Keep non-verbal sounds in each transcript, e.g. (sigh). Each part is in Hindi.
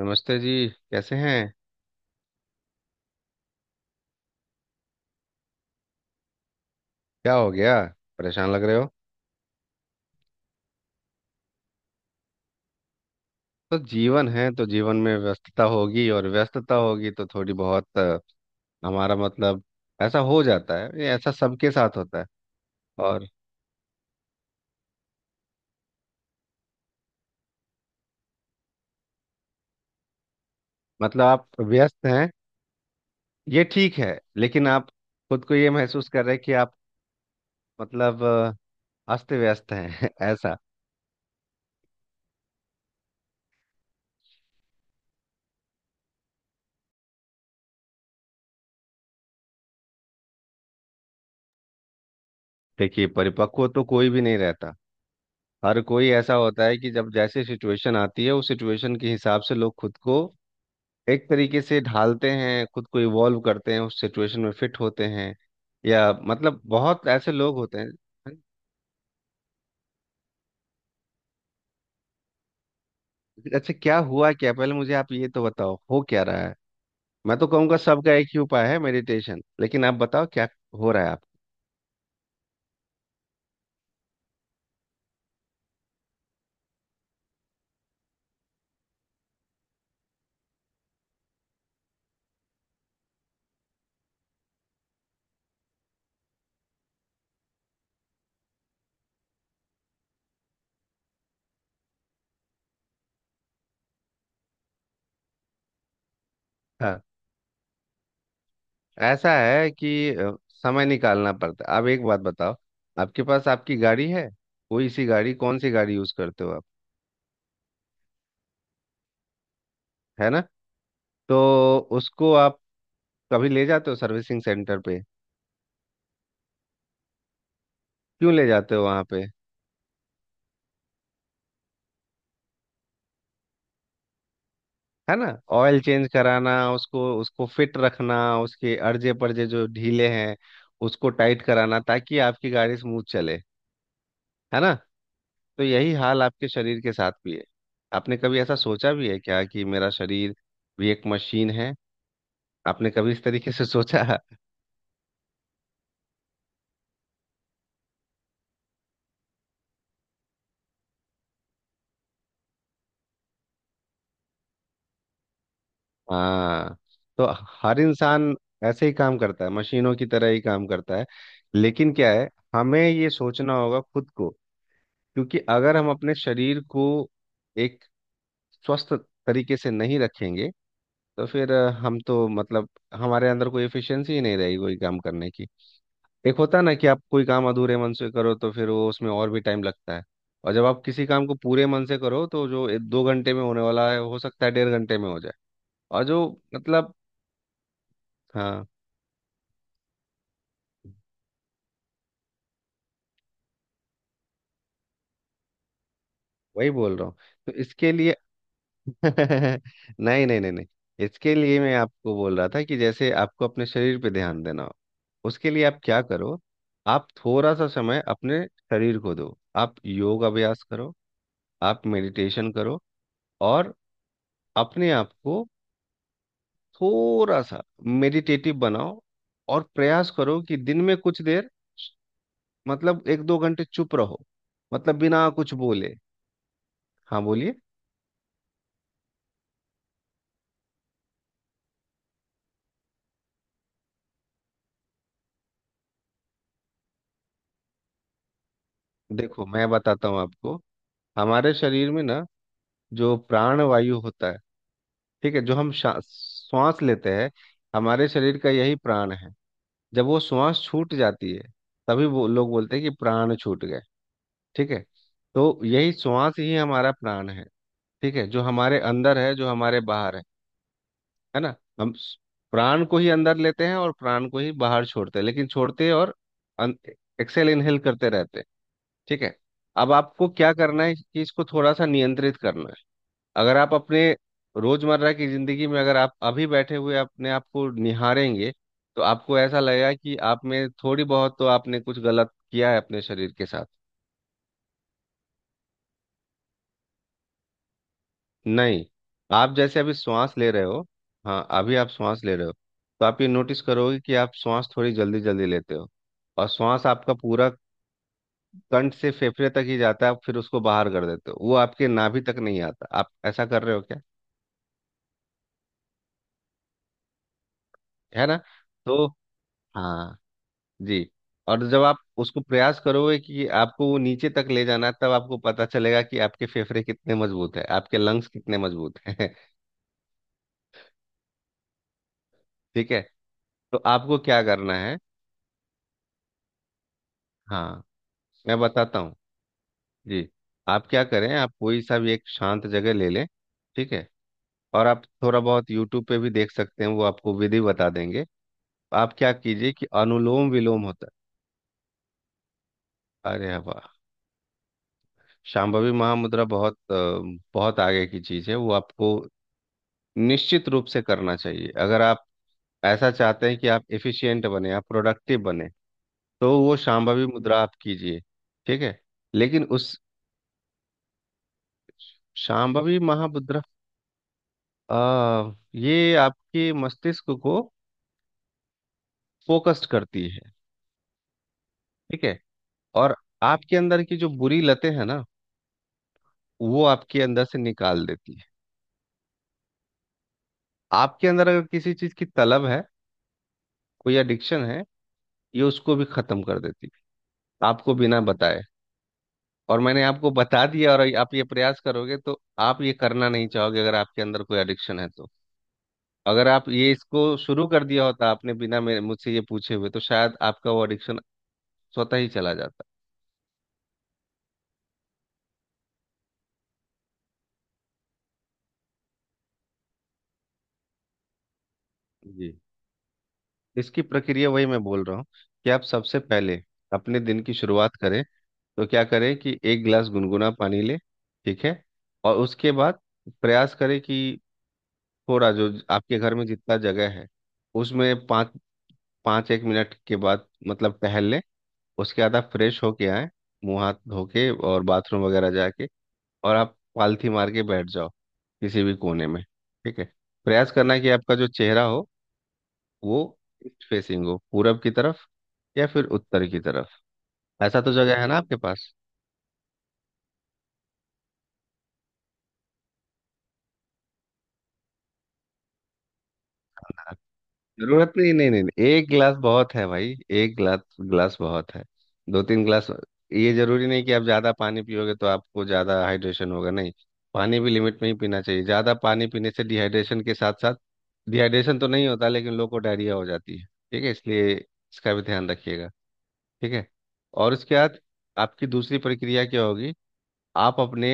नमस्ते जी। कैसे हैं? क्या हो गया? परेशान लग रहे हो। तो जीवन है तो जीवन में व्यस्तता होगी, और व्यस्तता होगी तो थोड़ी बहुत हमारा मतलब ऐसा हो जाता है। ये ऐसा सबके साथ होता है। और मतलब आप व्यस्त हैं ये ठीक है, लेकिन आप खुद को ये महसूस कर रहे हैं कि आप मतलब अस्त व्यस्त हैं (laughs) ऐसा। देखिए, परिपक्व तो कोई भी नहीं रहता। हर कोई ऐसा होता है कि जब जैसे सिचुएशन आती है उस सिचुएशन के हिसाब से लोग खुद को एक तरीके से ढालते हैं, खुद को इवॉल्व करते हैं, उस सिचुएशन में फिट होते हैं। या मतलब बहुत ऐसे लोग होते हैं। अच्छा, क्या हुआ? क्या पहले मुझे आप ये तो बताओ हो क्या रहा है। मैं तो कहूँगा सबका एक ही उपाय है मेडिटेशन, लेकिन आप बताओ क्या हो रहा है आप। हाँ, ऐसा है कि समय निकालना पड़ता है। अब एक बात बताओ, आपके पास आपकी गाड़ी है? कोई सी गाड़ी, कौन सी गाड़ी यूज करते हो आप? है ना? तो उसको आप कभी ले जाते हो सर्विसिंग सेंटर पे? क्यों ले जाते हो वहां पे? है ना। ऑयल चेंज कराना, उसको उसको फिट रखना, उसके अर्जे परजे जो ढीले हैं उसको टाइट कराना, ताकि आपकी गाड़ी स्मूथ चले। है ना? तो यही हाल आपके शरीर के साथ भी है। आपने कभी ऐसा सोचा भी है क्या कि मेरा शरीर भी एक मशीन है? आपने कभी इस तरीके से सोचा? हाँ, तो हर इंसान ऐसे ही काम करता है, मशीनों की तरह ही काम करता है। लेकिन क्या है, हमें ये सोचना होगा खुद को, क्योंकि अगर हम अपने शरीर को एक स्वस्थ तरीके से नहीं रखेंगे तो फिर हम तो मतलब हमारे अंदर कोई एफिशिएंसी ही नहीं रहेगी कोई काम करने की। एक होता है ना कि आप कोई काम अधूरे मन से करो तो फिर वो उसमें और भी टाइम लगता है, और जब आप किसी काम को पूरे मन से करो तो जो 2 घंटे में होने वाला है हो सकता है 1.5 घंटे में हो जाए। और जो मतलब, हाँ, वही बोल रहा हूँ। तो इसके लिए (laughs) नहीं नहीं नहीं नहीं, इसके लिए मैं आपको बोल रहा था कि जैसे आपको अपने शरीर पे ध्यान देना हो उसके लिए आप क्या करो, आप थोड़ा सा समय अपने शरीर को दो, आप योग अभ्यास करो, आप मेडिटेशन करो, और अपने आप को थोड़ा सा मेडिटेटिव बनाओ। और प्रयास करो कि दिन में कुछ देर मतलब एक दो घंटे चुप रहो, मतलब बिना कुछ बोले। हाँ बोलिए। देखो, मैं बताता हूँ आपको। हमारे शरीर में ना जो प्राण वायु होता है, ठीक है, जो हम श्वास लेते हैं, हमारे शरीर का यही प्राण है। जब वो श्वास छूट जाती है तभी वो लोग बोलते हैं कि प्राण छूट गए। ठीक है? तो यही श्वास ही हमारा प्राण है। ठीक है, जो हमारे अंदर है जो हमारे बाहर है। है ना, हम प्राण को ही अंदर लेते हैं और प्राण को ही बाहर छोड़ते हैं, लेकिन छोड़ते और एक्सेल इनहेल करते रहते हैं। ठीक है? अब आपको क्या करना है कि इसको थोड़ा सा नियंत्रित करना है। अगर आप अपने रोजमर्रा की जिंदगी में अगर आप अभी बैठे हुए अपने आप को निहारेंगे तो आपको ऐसा लगेगा कि आप में थोड़ी बहुत तो आपने कुछ गलत किया है अपने शरीर के साथ। नहीं, आप जैसे अभी श्वास ले रहे हो, हाँ अभी आप श्वास ले रहे हो, तो आप ये नोटिस करोगे कि आप श्वास थोड़ी जल्दी जल्दी लेते हो, और श्वास आपका पूरा कंठ से फेफड़े तक ही जाता है, आप फिर उसको बाहर कर देते हो, वो आपके नाभि तक नहीं आता। आप ऐसा कर रहे हो क्या? है ना? तो हाँ जी, और जब आप उसको प्रयास करोगे कि आपको वो नीचे तक ले जाना है, तब आपको पता चलेगा कि आपके फेफड़े कितने मजबूत है, आपके लंग्स कितने मजबूत हैं। (laughs) ठीक है, तो आपको क्या करना है। हाँ, मैं बताता हूँ जी। आप क्या करें, आप कोई सा भी एक शांत जगह ले लें। ठीक है, और आप थोड़ा बहुत यूट्यूब पे भी देख सकते हैं, वो आपको विधि बता देंगे। आप क्या कीजिए कि अनुलोम विलोम होता है। अरे वाह, शांभवी महामुद्रा बहुत बहुत आगे की चीज़ है। वो आपको निश्चित रूप से करना चाहिए अगर आप ऐसा चाहते हैं कि आप एफिशिएंट बने आप प्रोडक्टिव बने, तो वो शांभवी मुद्रा आप कीजिए। ठीक है, लेकिन उस शांभवी महामुद्रा ये आपके मस्तिष्क को फोकस्ड करती है। ठीक है, और आपके अंदर की जो बुरी लतें हैं ना वो आपके अंदर से निकाल देती है। आपके अंदर अगर किसी चीज की तलब है, कोई एडिक्शन है, ये उसको भी खत्म कर देती है आपको बिना बताए। और मैंने आपको बता दिया और आप ये प्रयास करोगे तो आप ये करना नहीं चाहोगे अगर आपके अंदर कोई एडिक्शन है तो। अगर आप ये इसको शुरू कर दिया होता आपने बिना मेरे मुझसे ये पूछे हुए तो शायद आपका वो एडिक्शन स्वतः ही चला जाता। जी, इसकी प्रक्रिया वही मैं बोल रहा हूँ कि आप सबसे पहले अपने दिन की शुरुआत करें, तो क्या करें कि एक गिलास गुनगुना पानी लें। ठीक है, और उसके बाद प्रयास करें कि थोड़ा जो आपके घर में जितना जगह है उसमें पाँच पाँच एक मिनट के बाद मतलब टहल लें। उसके बाद आप फ्रेश होके आए, मुंह हाथ धो के और बाथरूम वगैरह जाके, और आप पालथी मार के बैठ जाओ किसी भी कोने में। ठीक है, प्रयास करना कि आपका जो चेहरा हो वो ईस्ट फेसिंग हो, पूरब की तरफ या फिर उत्तर की तरफ। ऐसा तो जगह है ना आपके पास? जरूरत नहीं नहीं नहीं नहीं, एक गिलास बहुत है भाई। एक गिलास गिलास बहुत है, दो तीन गिलास ये जरूरी नहीं कि आप ज्यादा पानी पियोगे तो आपको ज्यादा हाइड्रेशन होगा। नहीं, पानी भी लिमिट में ही पीना चाहिए। ज्यादा पानी पीने से डिहाइड्रेशन के साथ साथ, डिहाइड्रेशन तो नहीं होता लेकिन लोगों को डायरिया हो जाती है। ठीक है, इसलिए इसका भी ध्यान रखिएगा। ठीक है, और उसके बाद आपकी दूसरी प्रक्रिया क्या होगी, आप अपने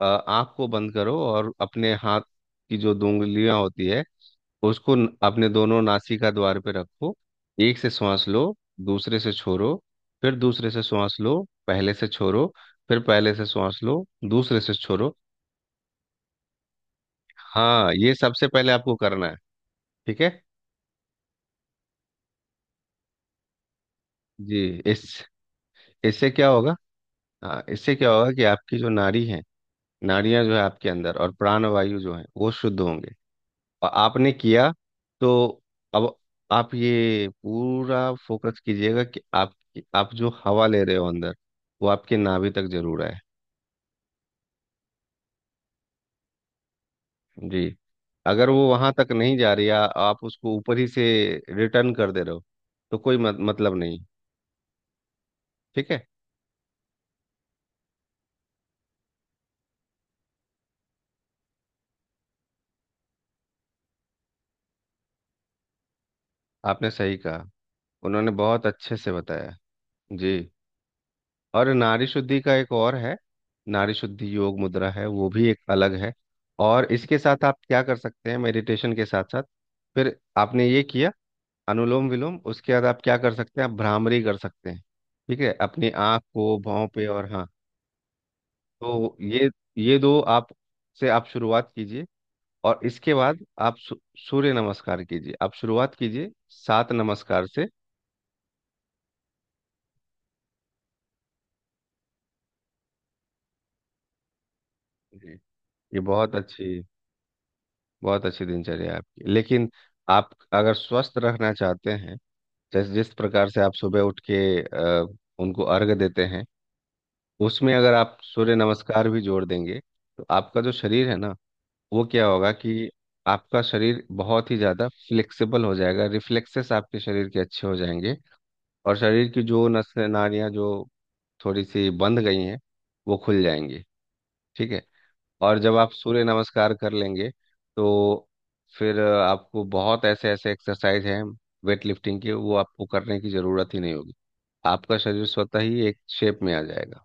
आँख को बंद करो और अपने हाथ की जो दो उंगलियां होती है उसको अपने दोनों नासिका द्वार पे रखो। एक से श्वास लो, दूसरे से छोड़ो, फिर दूसरे से श्वास लो पहले से छोड़ो, फिर पहले से श्वास लो दूसरे से छोड़ो। हाँ ये सबसे पहले आपको करना है। ठीक है जी। इस इससे क्या होगा, हाँ इससे क्या होगा कि आपकी जो नाड़ी है, नाड़ियां जो है आपके अंदर और प्राण वायु जो है वो शुद्ध होंगे। आपने किया तो अब आप ये पूरा फोकस कीजिएगा कि आप जो हवा ले रहे हो अंदर वो आपके नाभि तक जरूर आए। जी, अगर वो वहां तक नहीं जा रही है आप उसको ऊपर ही से रिटर्न कर दे रहे हो तो कोई मत, मतलब नहीं। ठीक है, आपने सही कहा, उन्होंने बहुत अच्छे से बताया जी। और नारी शुद्धि का एक और है, नारी शुद्धि योग मुद्रा है वो भी एक अलग है। और इसके साथ आप क्या कर सकते हैं मेडिटेशन के साथ साथ, फिर आपने ये किया अनुलोम विलोम, उसके बाद आप क्या कर सकते हैं आप भ्रामरी कर सकते हैं। ठीक है, अपनी आँख को भौं पे और हाँ, तो ये दो आप से आप शुरुआत कीजिए। और इसके बाद आप सूर्य नमस्कार कीजिए, आप शुरुआत कीजिए सात नमस्कार से। जी। ये बहुत अच्छी, बहुत अच्छी दिनचर्या है आपकी, लेकिन आप अगर स्वस्थ रहना चाहते हैं जैसे जिस प्रकार से आप सुबह उठ के उनको अर्घ देते हैं, उसमें अगर आप सूर्य नमस्कार भी जोड़ देंगे तो आपका जो शरीर है ना वो क्या होगा कि आपका शरीर बहुत ही ज़्यादा फ्लेक्सिबल हो जाएगा, रिफ्लेक्सेस आपके शरीर के अच्छे हो जाएंगे, और शरीर की जो नसें नाड़ियाँ जो थोड़ी सी बंद गई हैं वो खुल जाएंगी। ठीक है, और जब आप सूर्य नमस्कार कर लेंगे तो फिर आपको बहुत ऐसे ऐसे एक्सरसाइज हैं वेट लिफ्टिंग के वो आपको करने की ज़रूरत ही नहीं होगी। आपका शरीर स्वतः ही एक शेप में आ जाएगा।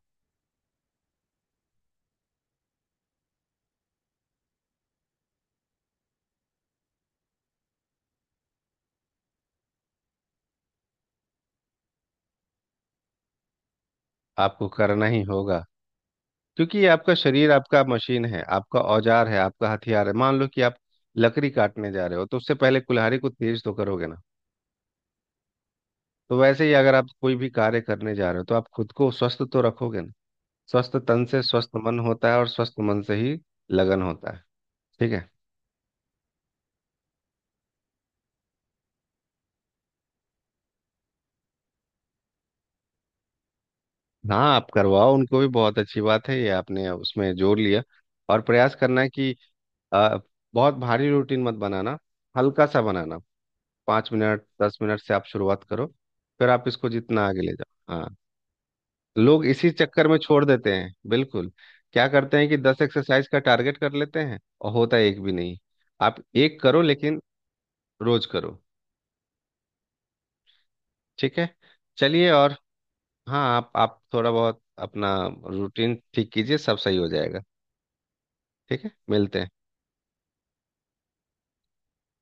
आपको करना ही होगा, क्योंकि ये आपका शरीर आपका मशीन है, आपका औजार है, आपका हथियार है। मान लो कि आप लकड़ी काटने जा रहे हो तो उससे पहले कुल्हाड़ी को तेज तो करोगे ना, तो वैसे ही अगर आप कोई भी कार्य करने जा रहे हो तो आप खुद को स्वस्थ तो रखोगे ना। स्वस्थ तन से स्वस्थ मन होता है, और स्वस्थ मन से ही लगन होता है। ठीक है। हाँ आप करवाओ उनको भी, बहुत अच्छी बात है ये आपने उसमें जोड़ लिया। और प्रयास करना कि आ, बहुत भारी रूटीन मत बनाना, हल्का सा बनाना। 5 मिनट 10 मिनट से आप शुरुआत करो, फिर आप इसको जितना आगे ले जाओ। हाँ, लोग इसी चक्कर में छोड़ देते हैं, बिल्कुल। क्या करते हैं कि 10 एक्सरसाइज का टारगेट कर लेते हैं और होता एक भी नहीं। आप एक करो लेकिन रोज करो। ठीक है, चलिए। और हाँ, आप थोड़ा बहुत अपना रूटीन ठीक कीजिए, सब सही हो जाएगा। ठीक है, मिलते हैं।